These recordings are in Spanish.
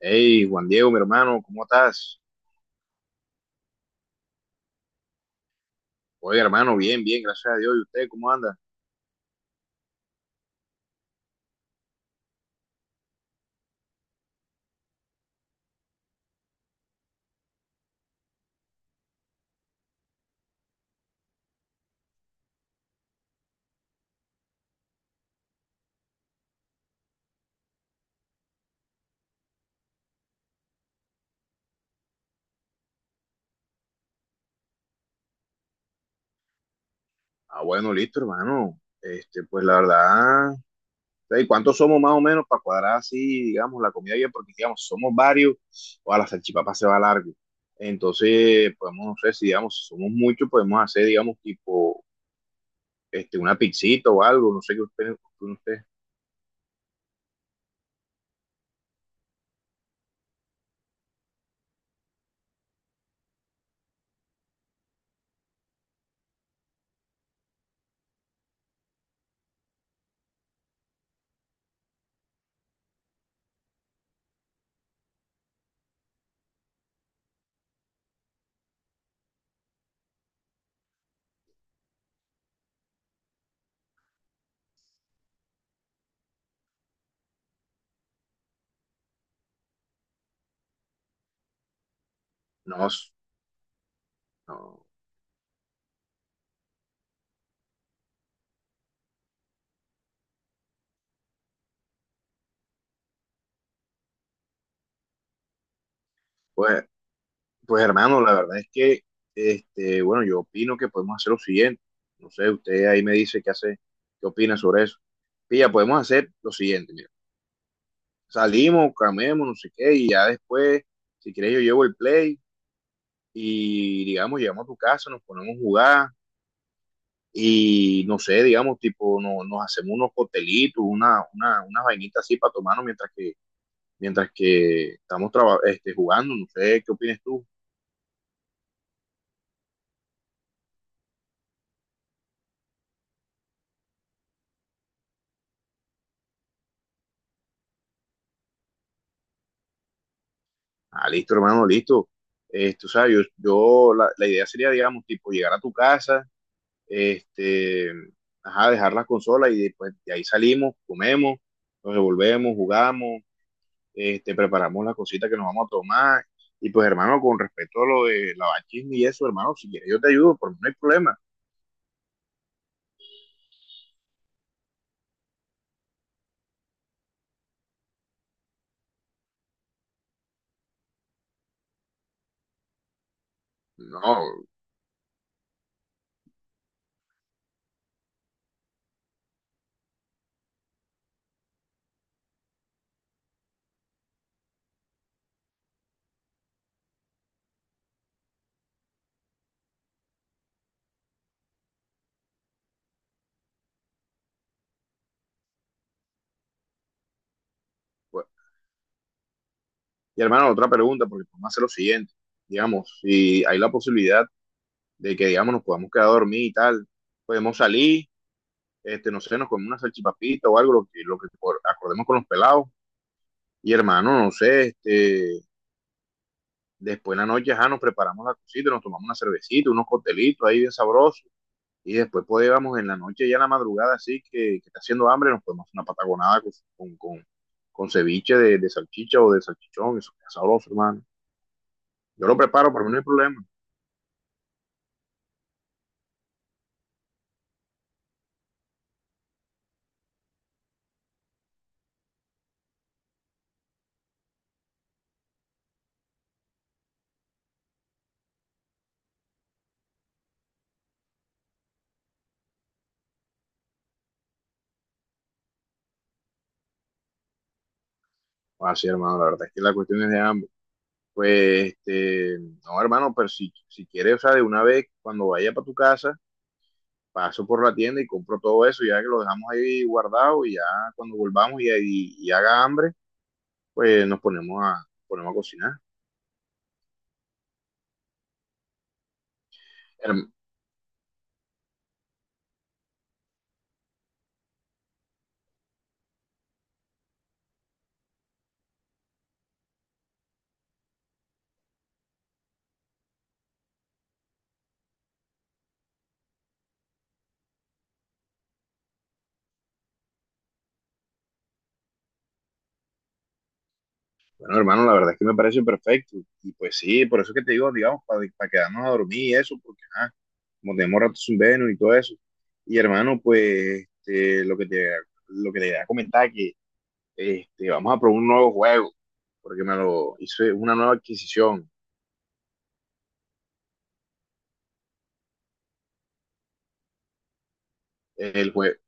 Hey, Juan Diego, mi hermano, ¿cómo estás? Oye, hermano, bien, bien, gracias a Dios. ¿Y usted cómo anda? Ah, bueno, listo, hermano. Este, pues la verdad, ¿y cuántos somos más o menos para cuadrar así, digamos, la comida bien? Porque, digamos, somos varios, o a la salchipapa se va largo. Entonces, podemos, no sé, si digamos, si somos muchos, podemos hacer, digamos, tipo, este, una pizzita o algo, no sé qué usted. No, no, pues. Pues, hermano, la verdad es que, este, bueno, yo opino que podemos hacer lo siguiente. No sé, usted ahí me dice qué hace, qué opina sobre eso. Pilla, podemos hacer lo siguiente, mira. Salimos, camemos, no sé qué, y ya después, si quieres, yo llevo el play y, digamos, llegamos a tu casa, nos ponemos a jugar y, no sé, digamos, tipo, no, nos hacemos unos coctelitos, unas vainitas así para tomarnos mientras que estamos este, jugando. No sé, ¿qué opinas tú? Ah, listo, hermano, listo. Esto, o sea, la idea sería, digamos, tipo, llegar a tu casa, este, ajá, dejar las consolas y después de ahí salimos, comemos, nos devolvemos, jugamos, este, preparamos las cositas que nos vamos a tomar. Y pues, hermano, con respecto a lo de lavachismo y eso, hermano, si quieres yo te ayudo, por mí no hay problema. No, pues. Y hermano, otra pregunta, porque podemos hacer lo siguiente. Digamos, si hay la posibilidad de que, digamos, nos podamos quedar a dormir y tal, podemos salir, este, no sé, nos comemos una salchipapita o algo, lo que acordemos con los pelados. Y hermano, no sé, este, después en la noche ya nos preparamos la cosita, nos tomamos una cervecita, unos coctelitos ahí bien sabrosos. Y después podíamos en la noche, ya en la madrugada, así que está haciendo hambre, nos podemos hacer una patagonada con, con, con ceviche de salchicha o de salchichón, eso es sabroso, hermano. Yo lo preparo, para mí no hay problema. Así, hermano, la verdad es que la cuestión es de hambre. Pues, este, no, hermano, pero si quieres, o sea, de una vez, cuando vaya para tu casa, paso por la tienda y compro todo eso, ya que lo dejamos ahí guardado y ya cuando volvamos y haga hambre, pues nos ponemos a cocinar. Herm- Bueno, hermano, la verdad es que me parece perfecto. Y pues sí, por eso que te digo, digamos, para quedarnos a dormir y eso, porque ah, como tenemos rato sin vernos y todo eso. Y hermano, pues este, lo que te iba a comentar que este, vamos a probar un nuevo juego, porque me lo hice una nueva adquisición. El juego.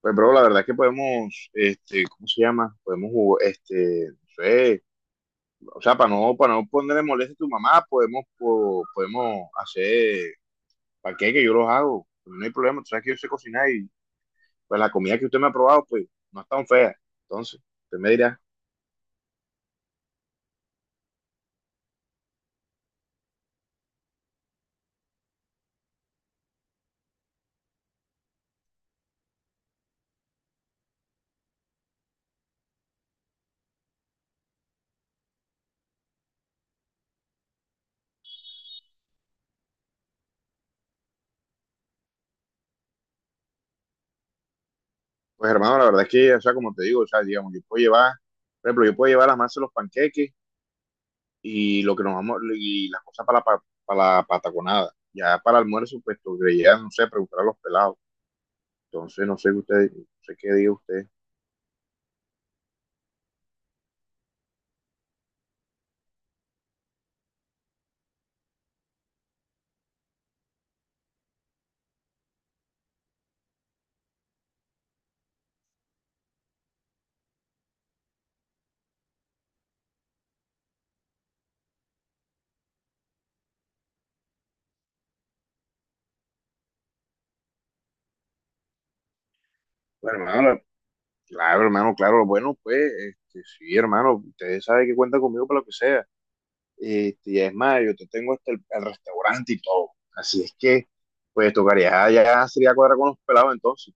Pues, bro, la verdad es que podemos, este, ¿cómo se llama? Podemos jugar, este, no sé, o sea, para no ponerle molestia a tu mamá, podemos hacer que yo los hago, pues, no hay problema, tú sabes que yo sé cocinar y pues la comida que usted me ha probado, pues no es tan fea. Entonces, usted me dirá. Pues, hermano, la verdad es que, o sea, como te digo, o sea, digamos, yo puedo llevar, por ejemplo, yo puedo llevar las masas de los panqueques y lo que nos vamos, y las cosas para la, para la pataconada, ya para el almuerzo, pues, tú ya, no sé, preguntar a los pelados. Entonces, no sé, usted, no sé qué diga usted. Bueno, hermano, claro, hermano, claro. Bueno, pues, este, sí, hermano, usted sabe que cuenta conmigo para lo que sea. Este, y es más, yo te tengo hasta el restaurante y todo. Así es que, pues, tocaría ya sería cuadrar con los pelados entonces.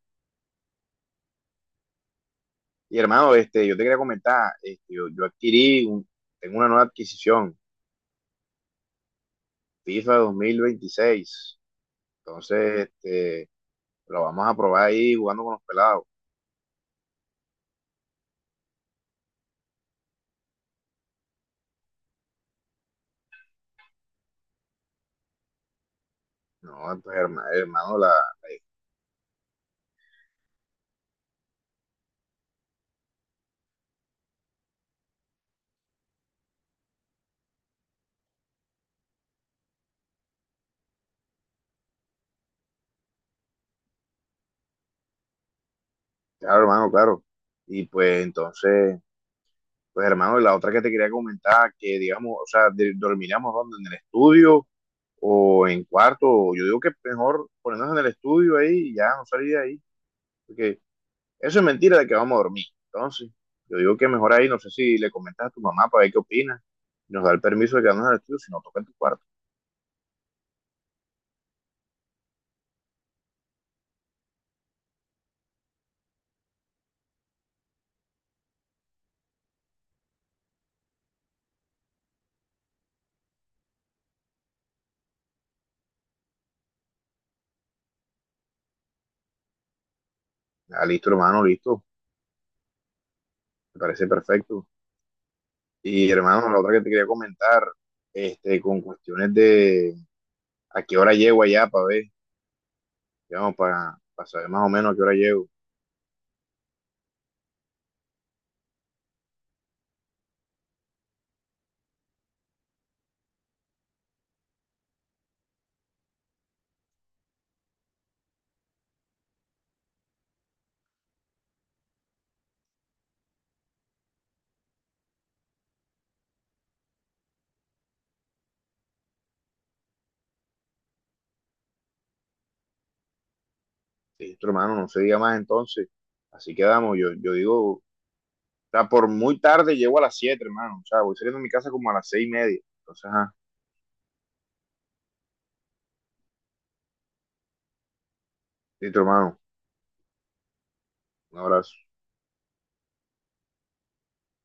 Y hermano, este, yo te quería comentar, este, yo adquirí, tengo una nueva adquisición, FIFA 2026. Entonces, este, lo vamos a probar ahí jugando con los pelados. No, pues, hermano. La Claro, hermano, claro. Y pues entonces, pues hermano, la otra que te quería comentar, que digamos, o sea, dormiríamos donde, en el estudio o en cuarto, o yo digo que mejor ponernos en el estudio ahí y ya no salir de ahí, porque eso es mentira de que vamos a dormir. Entonces, yo digo que mejor ahí, no sé si le comentas a tu mamá para ver qué opina, nos da el permiso de quedarnos en el estudio, si no toca en tu cuarto. Ah, listo, hermano, listo, me parece perfecto. Y hermano, la otra que te quería comentar, este, con cuestiones de a qué hora llego allá para ver. Digamos, para saber más o menos a qué hora llego. Listo, hermano, no se diga más entonces. Así quedamos. Yo digo, o sea, por muy tarde llego a las 7, hermano. O sea, voy saliendo de mi casa como a las 6:30. Entonces, ajá. Listo, hermano. Un abrazo.